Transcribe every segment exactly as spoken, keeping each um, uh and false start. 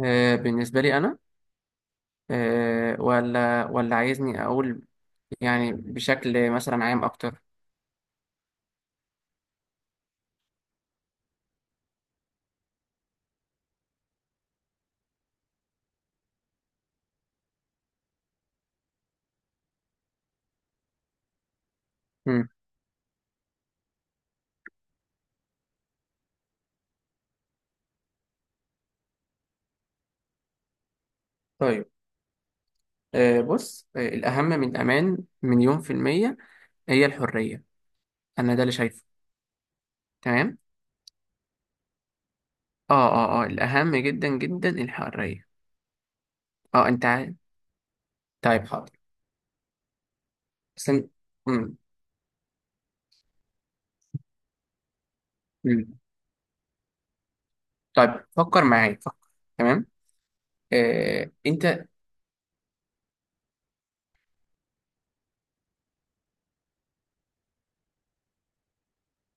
آه، بالنسبة لي أنا. آه، ولا ولا عايزني أقول يعني بشكل مثلا عام أكتر. مم. طيب. آه، بص، آه، الأهم من الأمان مليون في المية هي الحرية. أنا ده اللي شايفه. تمام. آه آه آه الأهم جدا جدا الحرية. آه أنت عارف. طيب، حاضر. بس أنت- مم. مم. طيب، فكر معايا فكر. تمام. آه، أنت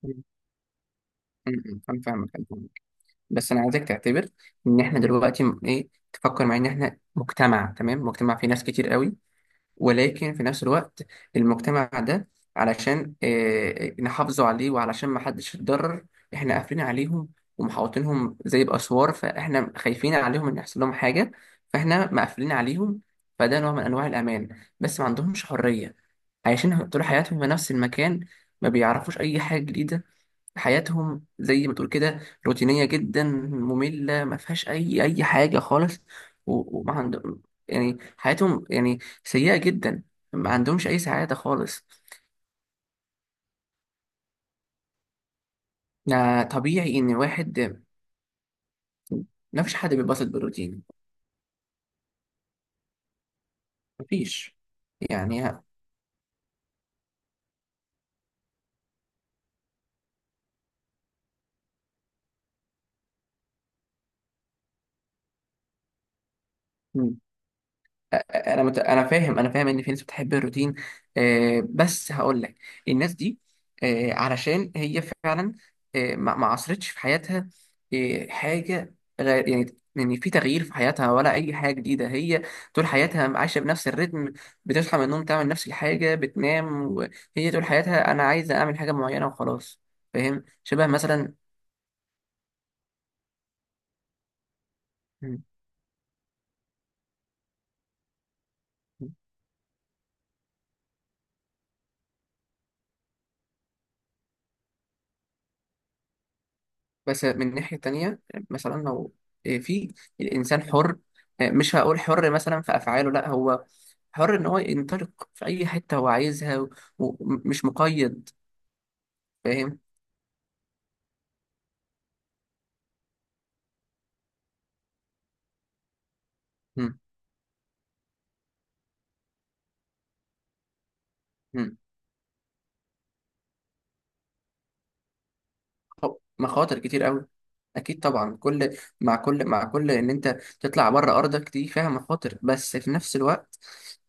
مم. مم. أنا فاهمك. بس انا عايزك تعتبر ان احنا دلوقتي م- ايه، تفكر معايا ان احنا مجتمع، تمام، مجتمع فيه ناس كتير قوي، ولكن في نفس الوقت المجتمع ده علشان إيه نحافظوا عليه وعلشان ما حدش يتضرر احنا قافلين عليهم ومحوطينهم زي باسوار، فاحنا خايفين عليهم ان يحصل لهم حاجه، فاحنا مقفلين عليهم. فده نوع من انواع الامان، بس ما عندهمش حريه. عايشين طول حياتهم في نفس المكان، ما بيعرفوش اي حاجه جديده. حياتهم زي ما تقول كده روتينية جدا، مملة، ما فيهاش أي أي حاجة خالص. و- وما عندهم يعني حياتهم، يعني، سيئة جدا. ما عندهمش أي سعادة خالص. يعني طبيعي إن الواحد، ما فيش حد بيتبسط بالروتين، مفيش. يعني انا مت... انا فاهم، انا فاهم ان في ناس بتحب الروتين. آه بس هقول لك، الناس دي، آه علشان هي فعلا آه ما ما عصرتش في حياتها آه حاجه غير يعني، يعني في تغيير في حياتها ولا اي حاجه جديده. هي طول حياتها عايشه بنفس الريتم، بتصحى من النوم تعمل نفس الحاجه بتنام. وهي طول حياتها انا عايزه اعمل حاجه معينه وخلاص. فاهم؟ شبه مثلا. بس من ناحية تانية، مثلا لو آه، في الإنسان حر، آه، مش هقول حر مثلا في أفعاله، لا هو حر إن هو ينطلق في أي حتة هو عايزها ومش مقيد. فاهم؟ مم. مم. طب- مخاطر كتير قوي. اكيد طبعا، كل مع كل مع كل ان انت تطلع بره ارضك دي فيها مخاطر، بس في نفس الوقت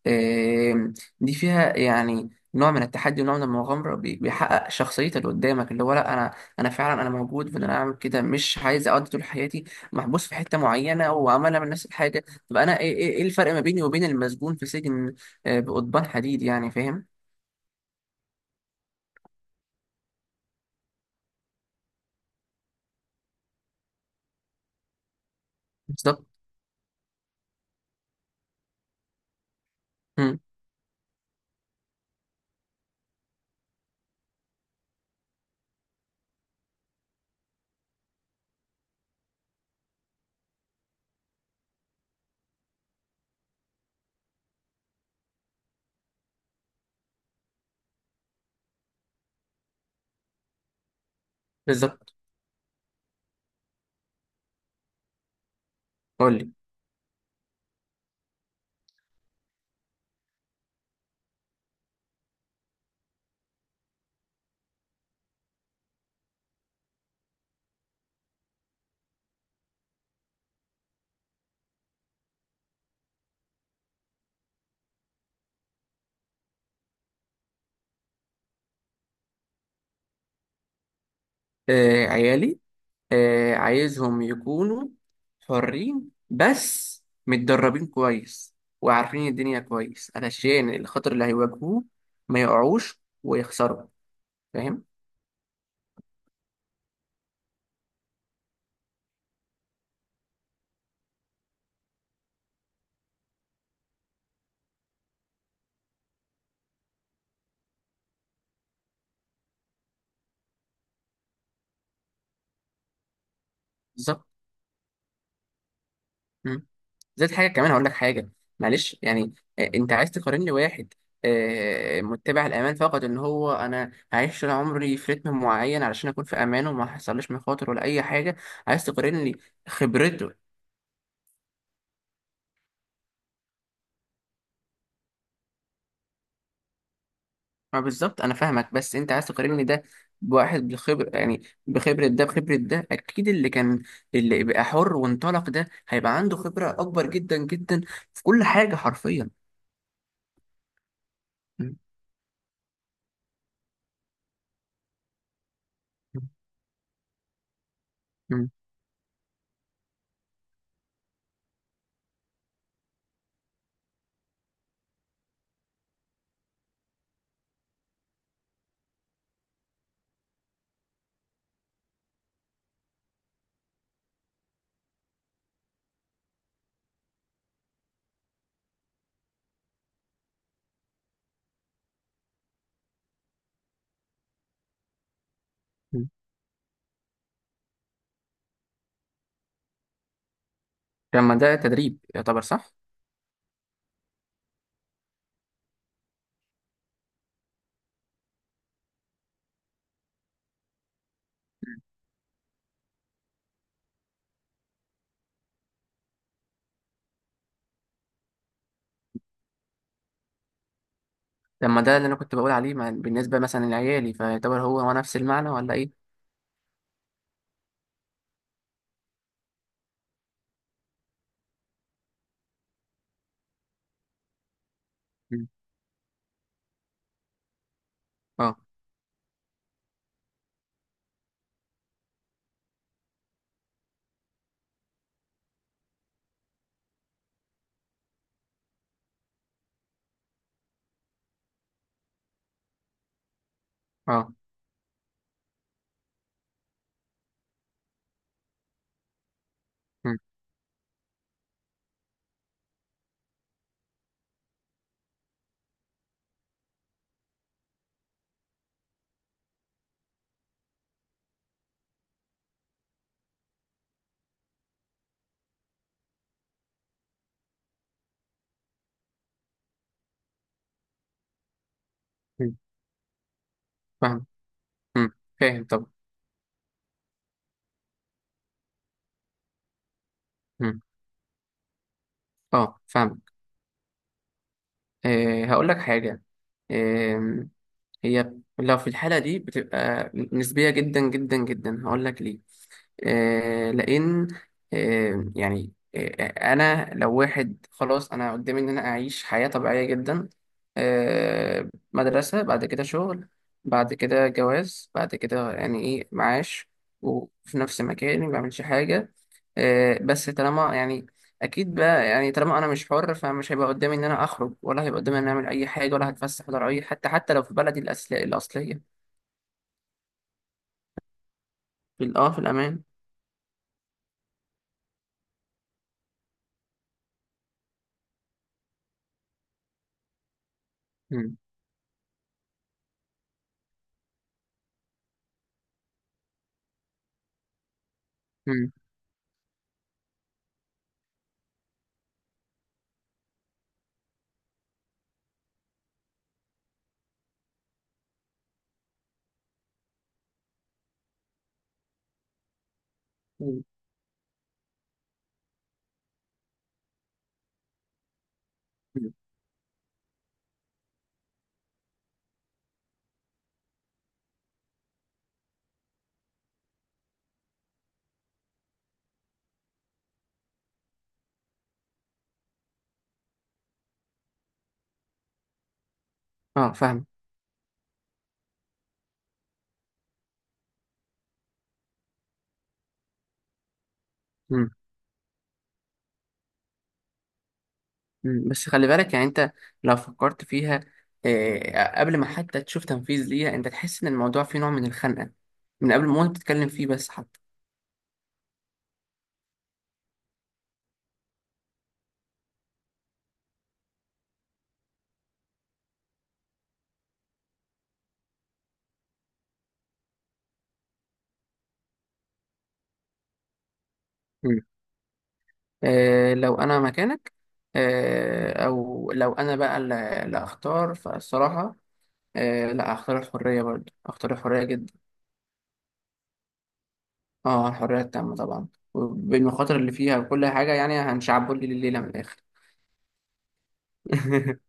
آم، دي فيها يعني نوع من التحدي ونوع من المغامره، بي- بيحقق شخصيتك اللي قدامك، اللي هو لا، انا انا فعلا انا موجود، فانا اعمل كده، مش عايز اقضي طول حياتي محبوس في حته معينه وعماله من نفس الحاجه. طب انا ايه، إيه- إيه الفرق ما بيني وبين المسجون في سجن آه، بقضبان حديد، يعني فاهم؟ بالظبط. مم، بالظبط. قول لي. آه، عيالي، آه، عايزهم يكونوا حرين بس متدربين كويس، وعارفين الدنيا كويس علشان الخطر اللي هيواجهوه ما يقعوش ويخسروا. فاهم؟ بالظبط. مم. زائد حاجه كمان، هقول لك حاجه، معلش يعني. آه، انت عايز تقارن لي واحد آه، متبع الامان فقط، ان هو انا هعيش طول عمري في رتم معين علشان اكون في امان وما حصلش مخاطر ولا اي حاجه. عايز تقارن لي خبرته؟ ما بالظبط، انا فاهمك، بس انت عايز تقارني ده بواحد بخبر، يعني بخبره ده. بخبره ده اكيد اللي كان، اللي بقى حر وانطلق، ده هيبقى عنده خبره اكبر جدا جدا في كل حاجه حرفيا. م- م- م. لما ده تدريب يعتبر صح؟ مم. لما ده اللي انا كنت بقول عليه، مع- بالنسبه مثلا لعيالي، فيعتبر هو هو نفس المعنى ولا ايه؟ م. اه، اه. م. م. فاهم. م. فاهم. طب، اه، فاهم. آه هقول لك حاجه. هي لو في الحالة دي بتبقى نسبية جدا جدا جدا. هقول لك ليه. آه، لان آه، يعني آه، انا لو واحد خلاص، انا قدامي ان انا اعيش حياة طبيعية جدا، آه، مدرسة بعد كده شغل بعد كده جواز بعد كده يعني ايه معاش، وفي نفس مكاني ما بعملش حاجة. آه، بس طالما يعني، اكيد بقى يعني، طالما انا مش حر فمش هيبقى قدامي ان انا اخرج، ولا هيبقى قدامي ان انا اعمل اي حاجة ولا هتفسح ولا اي، حتى حتى لو في بلدي الأصل- الاصلية. في ال- اه في الامان. مم. مم. مم. مم. اه، فاهم. مم. مم. بس خلي بالك يعني انت، لو فكرت فيها آه، قبل ما حتى تشوف تنفيذ ليها انت تحس ان الموضوع فيه نوع من الخنقة من قبل ما انت تتكلم فيه بس حتى. مم. آه، لو انا مكانك، آه، او لو انا بقى اللي اللي اختار، فالصراحة آه، لا، اختار الحرية برضه. اختار الحرية جدا. اه، الحرية التامة طبعا، بالمخاطر اللي فيها وكل حاجة، يعني هنشعبولي الليلة من الاخر.